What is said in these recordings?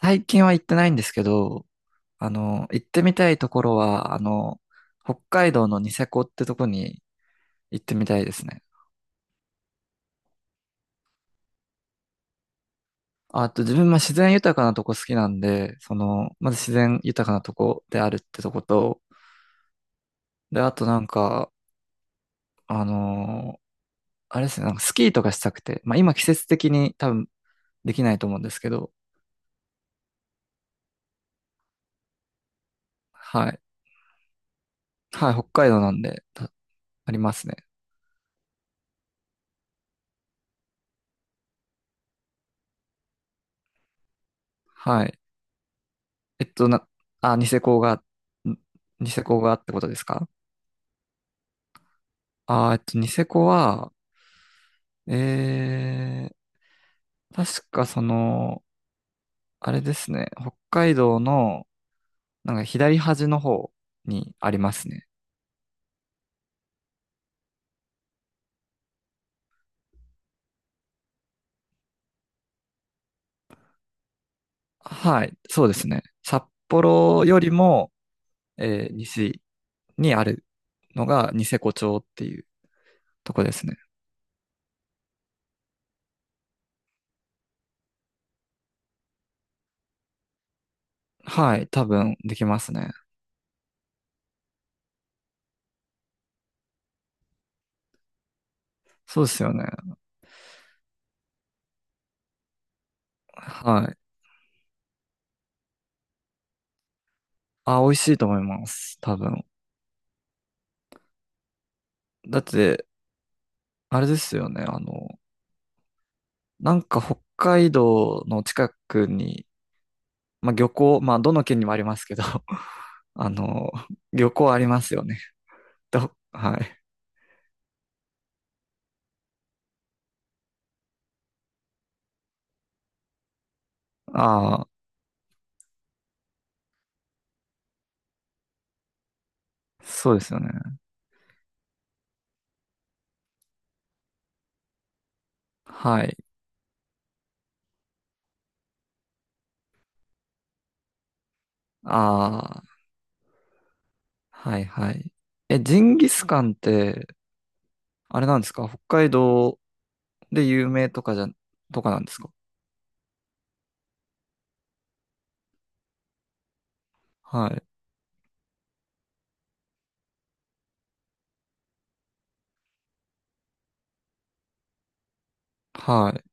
最近は行ってないんですけど、行ってみたいところは、北海道のニセコってとこに行ってみたいですね。あと自分、まあ、自然豊かなとこ好きなんで、まず自然豊かなとこであるってとこと、で、あとなんか、あのーあれですね、なんかスキーとかしたくて、まあ今季節的に多分できないと思うんですけど、はい。はい、北海道なんで、ありますね。はい。えっと、な、あ、んニセコがってことですか？ニセコは、え確かあれですね、北海道の、なんか左端の方にありますね。はい、そうですね。札幌よりも、西にあるのがニセコ町っていうとこですね。はい、多分できますね。そうですよね。はい。あ、美味しいと思います。多分。だって、あれですよね。なんか北海道の近くにまあ、漁港、まあ、どの県にもありますけど、あの、漁港ありますよね。はい。ああ、そうですよね。はい。ああ、はいはい。え、ジンギスカンって、あれなんですか？北海道で有名とかじゃ、とかなんですか？はい。はい。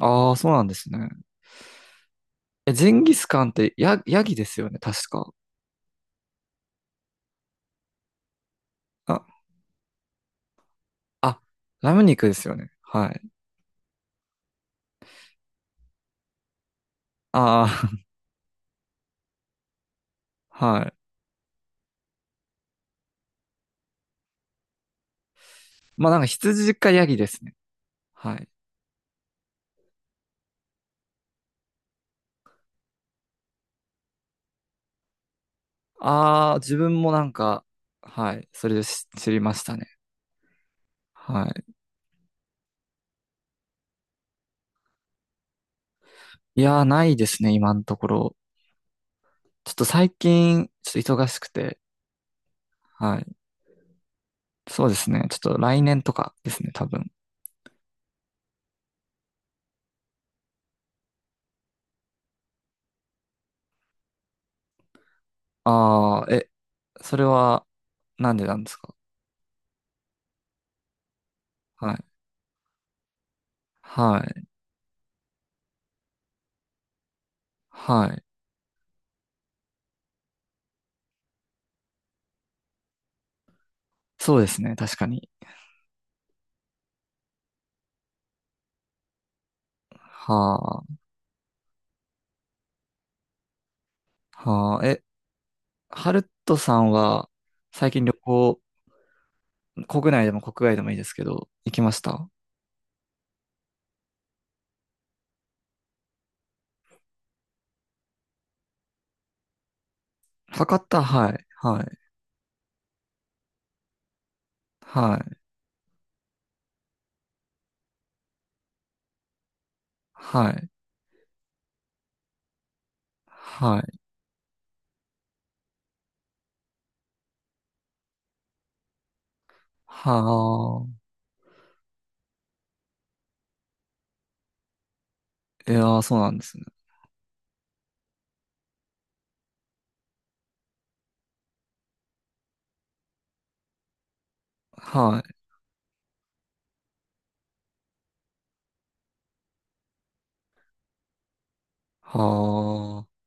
ああ、そうなんですね。え、ジンギスカンってヤギですよね、確か。あ、あ、ラム肉ですよね。はい。ああ、はい。まあなんか羊かヤギですね。はい。ああ、自分もなんか、はい、それで知りましたね。はい。いやー、ないですね、今のところ。ちょっと最近、ちょっと忙しくて、はい。そうですね、ちょっと来年とかですね、多分。ああ、え、それは、なんでなんですか？はい。はい。はい。そうですね、確かに。はあ、はあ、え、ハルトさんは、最近旅行、国内でも国外でもいいですけど、行きました？博多、はい、はい、はい、はい。はい。はあ。いやー、そうなんですね。はい。はあ。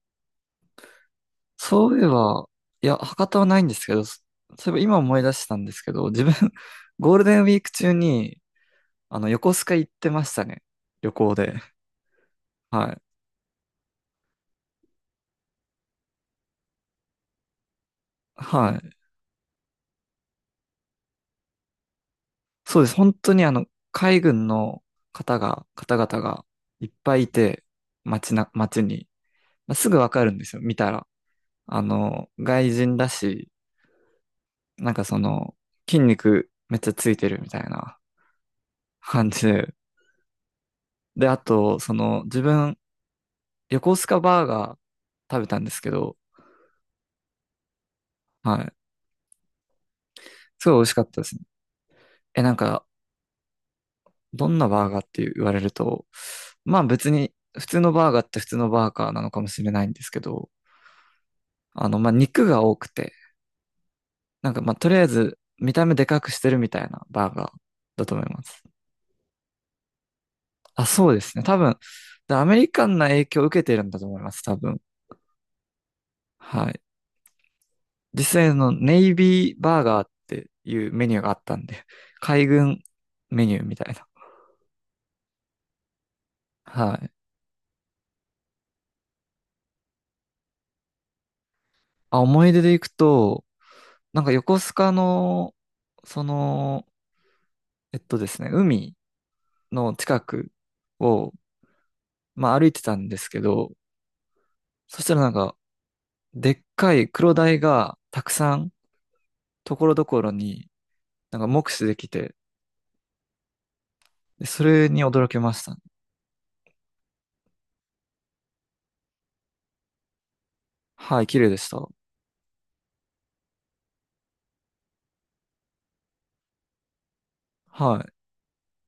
そういえば、いや、博多はないんですけど、そういえば今思い出したんですけど、自分、ゴールデンウィーク中に、横須賀行ってましたね。旅行で。はい。はい。そうです。本当に海軍の方々がいっぱいいて、街に。まあ、すぐわかるんですよ。見たら。外人だし、なんか筋肉めっちゃついてるみたいな感じで。で、あと、自分、横須賀バーガー食べたんですけど、はい。すごい美味しかったですね。え、なんか、どんなバーガーって言われると、まあ別に、普通のバーガーって普通のバーガーなのかもしれないんですけど、まあ肉が多くて、なんかまあとりあえず見た目でかくしてるみたいなバーガーだと思います。あ、そうですね。多分、でアメリカンな影響を受けてるんだと思います、多分。はい。実際のネイビーバーガーっていうメニューがあったんで、海軍メニューみたいな。はい。あ、思い出で行くと、なんか横須賀の、その、えっとですね、海の近くを、まあ歩いてたんですけど、そしたらなんか、でっかいクロダイがたくさん、ところどころに、なんか目視できて、でそれに驚きましたね。はい、綺麗でした。はい。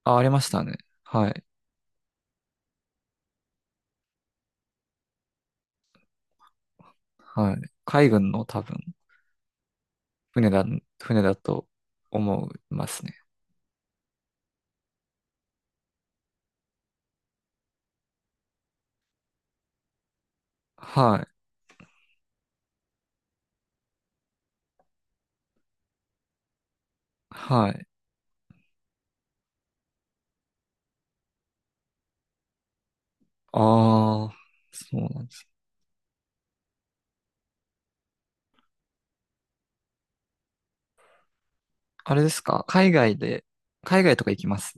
あ、ありましたね。はい。はい。海軍の多分。船だ、船だと思いますね。はい。はい。ああ、そうなんです。あれですか海外で、海外とか行きます？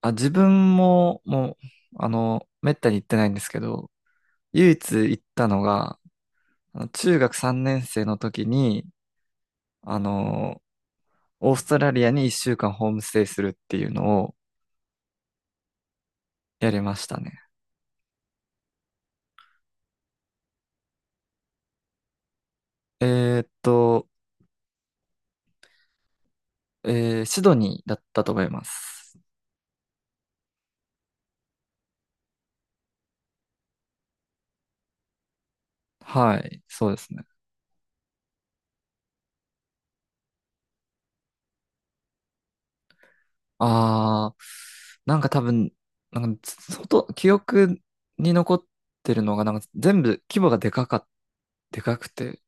あ、自分も、もう、めったに行ってないんですけど、唯一行ったのが、中学3年生の時に、あの、オーストラリアに1週間ホームステイするっていうのをやりましたね。えーっと、シドニーだったと思います。はい、そうですね。ああ、なんか多分、なんか、記憶に残ってるのが、なんか全部規模がでかくて、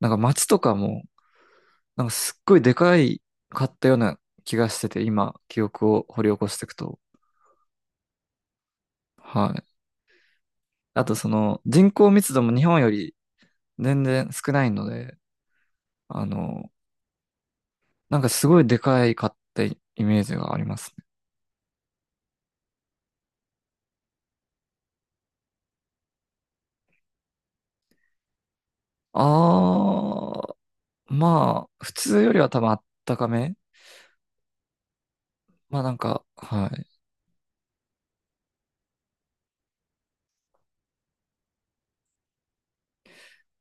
なんか街とかも、なんかすっごいでかいかったような気がしてて、今、記憶を掘り起こしていくと。はい。あと人口密度も日本より全然少ないので、あの、なんかすごいでかいかったイメージがありますね。ああ、まあ、普通よりは多分あったかめ。まあなんか、はい。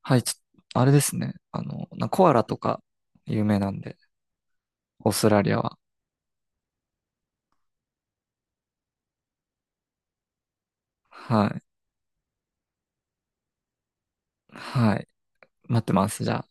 はい、あれですね。コアラとか有名なんで、オーストラリアは。はい。はい。待ってます。じゃあ。